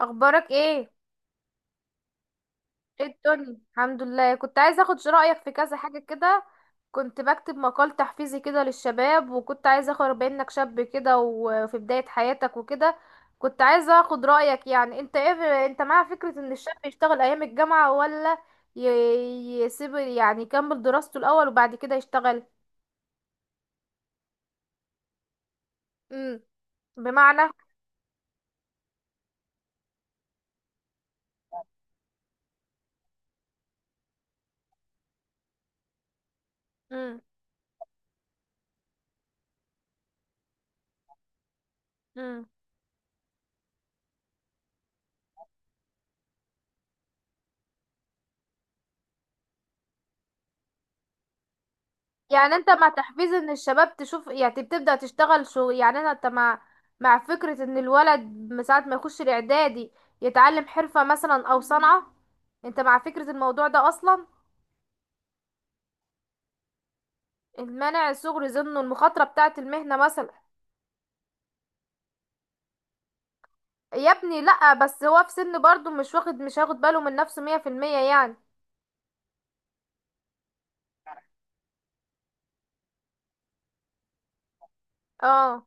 اخبارك ايه؟ ايه الدنيا؟ الحمد لله. كنت عايزه اخد رايك في كذا حاجه كده. كنت بكتب مقال تحفيزي كده للشباب، وكنت عايزه اخد بما انك شاب كده وفي بدايه حياتك وكده. كنت عايزه اخد رايك، يعني انت ايه، انت مع فكره ان الشاب يشتغل ايام الجامعه ولا يسيب، يعني يكمل دراسته الاول وبعد كده يشتغل؟ امم. بمعنى؟ امم. يعني انت مع تحفيز ان الشباب تشوف، يعني تبدأ تشتغل شغل، يعني انا انت مع فكرة ان الولد من ساعة ما يخش الاعدادي يتعلم حرفة مثلا او صنعة، انت مع فكرة الموضوع ده اصلا؟ المانع صغري، ظنه المخاطرة بتاعة المهنة مثلا. يا ابني لأ، بس هو في سن برضه مش هاخد باله من نفسه 100% يعني. اه،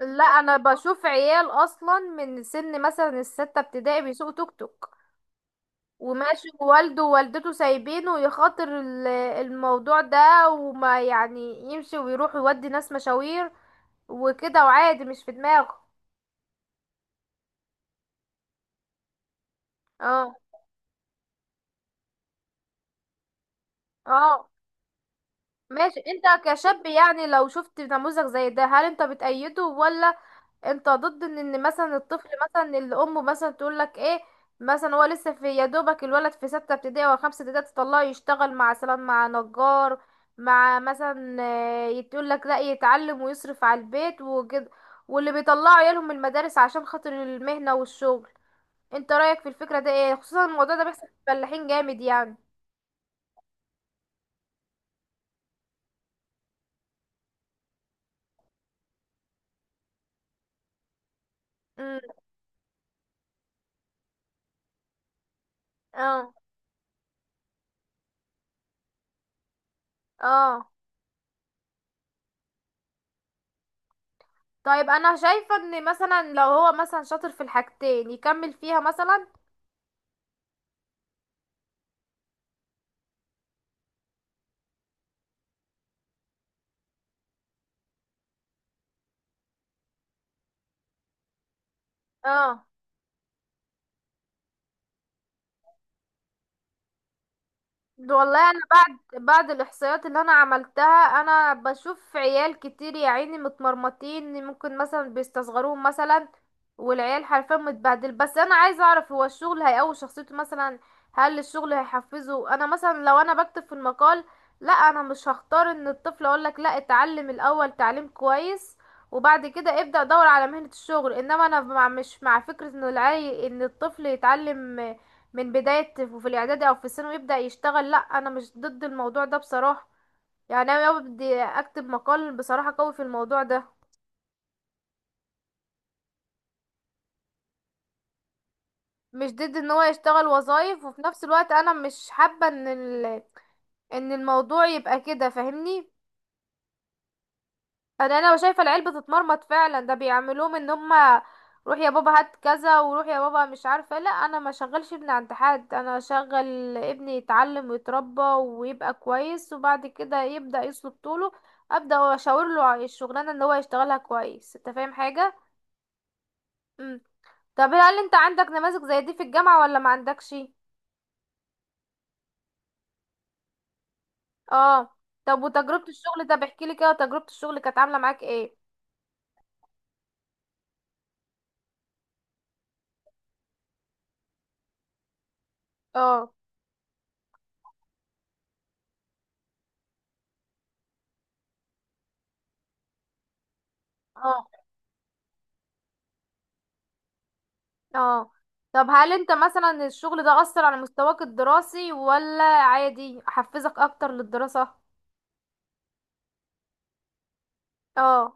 لا، انا بشوف عيال اصلا من سن مثلا الستة ابتدائي بيسوقوا توك توك وماشي، ووالده ووالدته سايبينه يخاطر الموضوع ده، وما يعني يمشي ويروح يودي ناس مشاوير وكده وعادي مش في دماغه. اه. اه، ماشي. انت كشاب يعني لو شفت نموذج زي ده، هل انت بتأيده ولا انت ضد ان مثلا الطفل، مثلا اللي امه مثلا تقول لك ايه، مثلا هو لسه في يا دوبك الولد في ستة ابتدائي او خمسة ابتدائي تطلعه يشتغل مع مثلا مع نجار، مع مثلا، اه، تقول لك لا يتعلم ويصرف على البيت وكده، واللي بيطلعوا عيالهم المدارس عشان خاطر المهنة والشغل، انت رأيك في الفكرة ده ايه؟ خصوصا الموضوع ده بيحصل في الفلاحين جامد يعني. امم. اه. اه، طيب. انا شايفة ان مثلا لو هو مثلا شاطر في الحاجتين يكمل فيها مثلا. اه. والله انا بعد الاحصائيات اللي انا عملتها، انا بشوف عيال كتير يا عيني متمرمطين، ممكن مثلا بيستصغروهم مثلا، والعيال حرفيا متبهدل. بس انا عايزه اعرف، هو الشغل هيقوي شخصيته مثلا؟ هل الشغل هيحفزه؟ انا مثلا لو انا بكتب في المقال، لا، انا مش هختار ان الطفل اقول لك لا، اتعلم الاول تعليم كويس وبعد كده ابدأ دور على مهنة الشغل. انما انا مش مع فكرة ان ان الطفل يتعلم من بداية وفي الإعدادي أو في الثانوي يبدأ يشتغل. لأ، أنا مش ضد الموضوع ده بصراحة، يعني أنا لو بدي أكتب مقال بصراحة قوي في الموضوع ده، مش ضد إن هو يشتغل وظايف، وفي نفس الوقت أنا مش حابة إن إن الموضوع يبقى كده، فاهمني. انا شايفه العيال بتتمرمط فعلا، ده بيعملوهم ان هما روح يا بابا هات كذا، وروح يا بابا مش عارفه. لا، انا ما شغلش ابني عند حد، انا شغل ابني يتعلم ويتربى ويبقى كويس، وبعد كده يبدا يسلك طوله ابدا اشاور له على الشغلانه ان هو يشتغلها كويس. انت فاهم حاجه؟ امم. طب هل انت عندك نماذج زي دي في الجامعه ولا ما عندكش؟ اه. طب وتجربه الشغل ده، بحكي لي كده، تجربه الشغل كانت عامله معاك ايه؟ اه. اه. اه. طب هل انت مثلا الشغل ده أثر على مستواك الدراسي ولا عادي حفزك اكتر للدراسة؟ اه.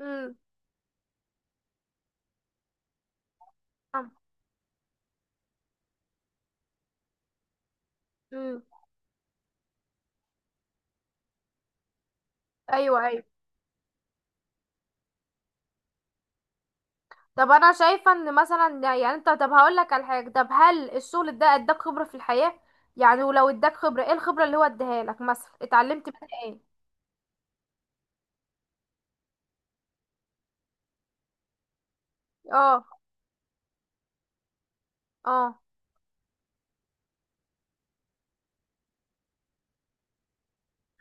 امم. امم. ايوه، ايوه. طب انا شايفة ان مثلا يعني انت، طب هقول لك على حاجة، طب هل الشغل ده اداك خبرة في الحياة؟ يعني ولو اداك خبرة، ايه الخبرة اللي هو اديها لك؟ مثلا اتعلمت منها ايه؟ اه. اه.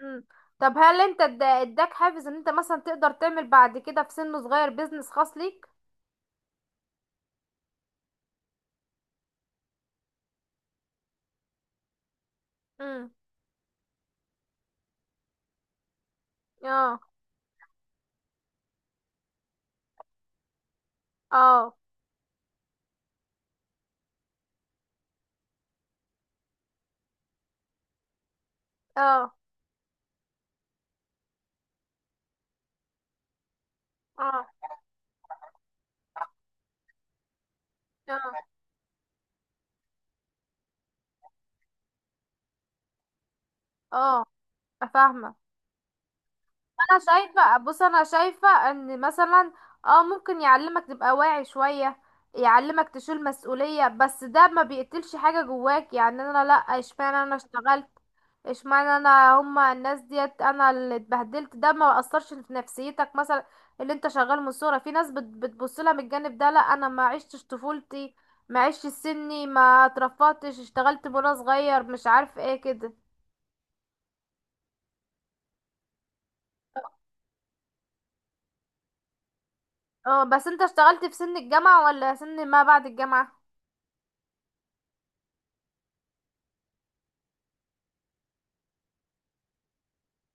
امم. طب هل انت اداك حافز ان انت مثلا تقدر تعمل بعد كده في سن صغير بيزنس خاص ليك؟ امم. اه. اه. اه. اه. اه. اه، فاهمة. انا شايفة، بص انا شايفة ان مثلا اه ممكن يعلمك تبقى واعي شوية، يعلمك تشيل مسؤولية، بس ده ما بيقتلش حاجة جواك، يعني انا لا، اشمعنى انا اشتغلت، اشمعنى انا، هما الناس ديت انا اللي اتبهدلت. ده ما اثرش في نفسيتك مثلا اللي انت شغال من الصورة؟ في ناس بتبص لها من الجانب ده، لا انا ما عشتش طفولتي، ما عشتش سني، ما اترفضتش، اشتغلت من وانا صغير، مش عارف ايه كده. اه، بس انت اشتغلت في سن الجامعة ولا سن ما بعد الجامعة؟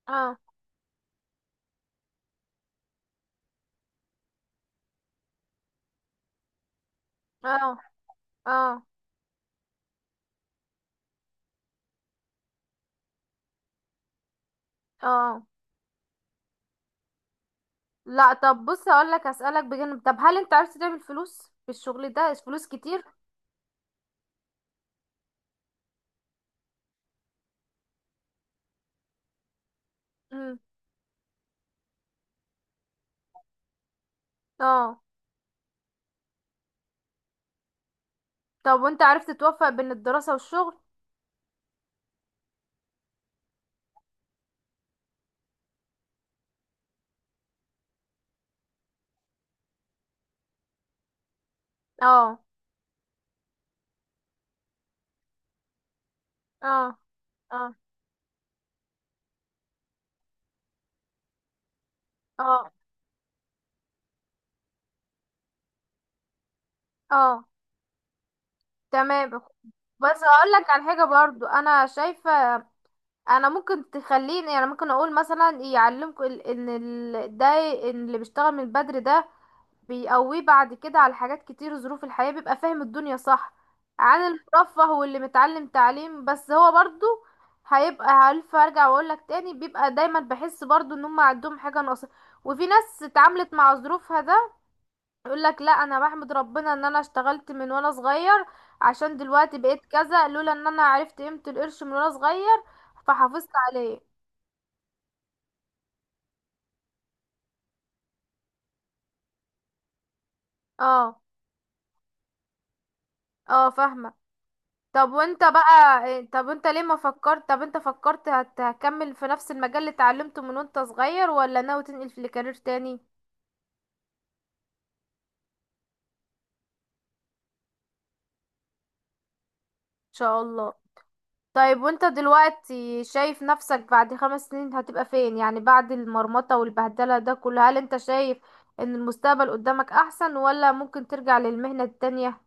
اه. اه. اه. اه. لا، طب بص اقول لك، اسالك بجانب، طب هل انت عرفت تعمل فلوس في الشغل ده؟ فلوس كتير؟ امم. اه. طب وانت عرفت توفق بين الدراسة والشغل؟ اه. اه. اه. اه. اه، تمام. بس هقول لك على حاجة برضو، انا شايفة انا ممكن تخليني، يعني ممكن اقول مثلا يعلمكم ان ده، إن اللي بيشتغل من بدري ده بيقويه بعد كده على حاجات كتير، ظروف الحياة بيبقى فاهم الدنيا صح عن المرفه، واللي متعلم تعليم بس هو برضو هيبقى عارف، ارجع واقولك تاني، بيبقى دايما بحس برضو ان هم عندهم حاجة ناقصة. وفي ناس اتعاملت مع ظروفها ده يقولك لا انا بحمد ربنا ان انا اشتغلت من وانا صغير، عشان دلوقتي بقيت كذا، لولا ان انا عرفت قيمة القرش من وانا صغير فحافظت عليه. اه. اه، فاهمة. طب وانت بقى طب انت ليه ما فكرت، طب انت فكرت هتكمل في نفس المجال اللي اتعلمته من وانت صغير ولا ناوي تنقل في الكارير تاني؟ ان شاء الله. طيب وانت دلوقتي شايف نفسك بعد 5 سنين هتبقى فين؟ يعني بعد المرمطة والبهدلة ده كله، هل انت شايف ان المستقبل قدامك احسن ولا ممكن ترجع للمهنة التانية؟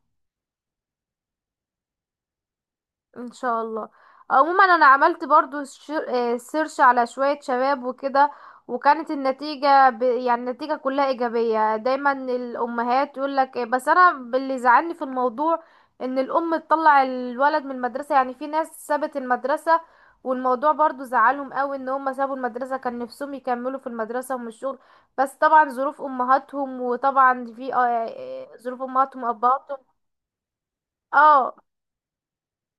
ان شاء الله. عموما انا عملت برضو سيرش على شوية شباب وكده، وكانت النتيجة يعني النتيجة كلها ايجابية، دايما الامهات يقولك بس انا اللي زعلني في الموضوع ان الام تطلع الولد من المدرسة، يعني في ناس سابت المدرسة والموضوع برضو زعلهم قوي ان هم سابوا المدرسة، كان نفسهم يكملوا في المدرسة ومش الشغل. بس طبعا ظروف امهاتهم، وطبعا في ظروف امهاتهم وابهاتهم. اه.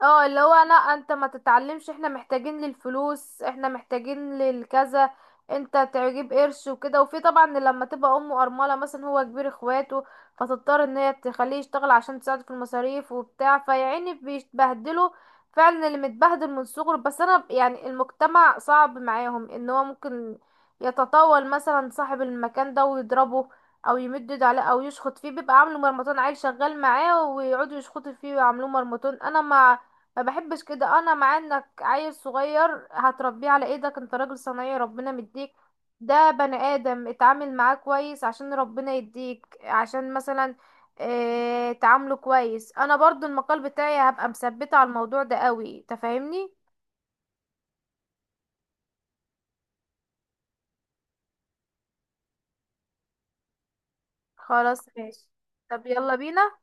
اه، اللي هو انا انت ما تتعلمش، احنا محتاجين للفلوس، احنا محتاجين للكذا، انت تجيب قرش وكده. وفي طبعا لما تبقى امه ارمله مثلا، هو كبير اخواته، فتضطر ان هي تخليه يشتغل عشان تساعده في المصاريف وبتاع، فيعني بيتبهدلوا فعلا اللي متبهدل من صغره. بس انا يعني المجتمع صعب معاهم ان هو ممكن يتطاول مثلا صاحب المكان ده ويضربه او يمد ايده عليه او يشخط فيه، بيبقى عامله مرمطون، عيل شغال معاه ويقعدوا يشخطوا فيه ويعملوه مرمطون. انا ما بحبش كده، انا مع انك عيل صغير هتربيه على ايدك، انت راجل صنايعي ربنا مديك، ده بني ادم اتعامل معاه كويس عشان ربنا يديك، عشان مثلا اه تعامله كويس. انا برضو المقال بتاعي هبقى مثبته على الموضوع ده قوي، تفهمني. خلاص، ماشي. طب يلا بينا.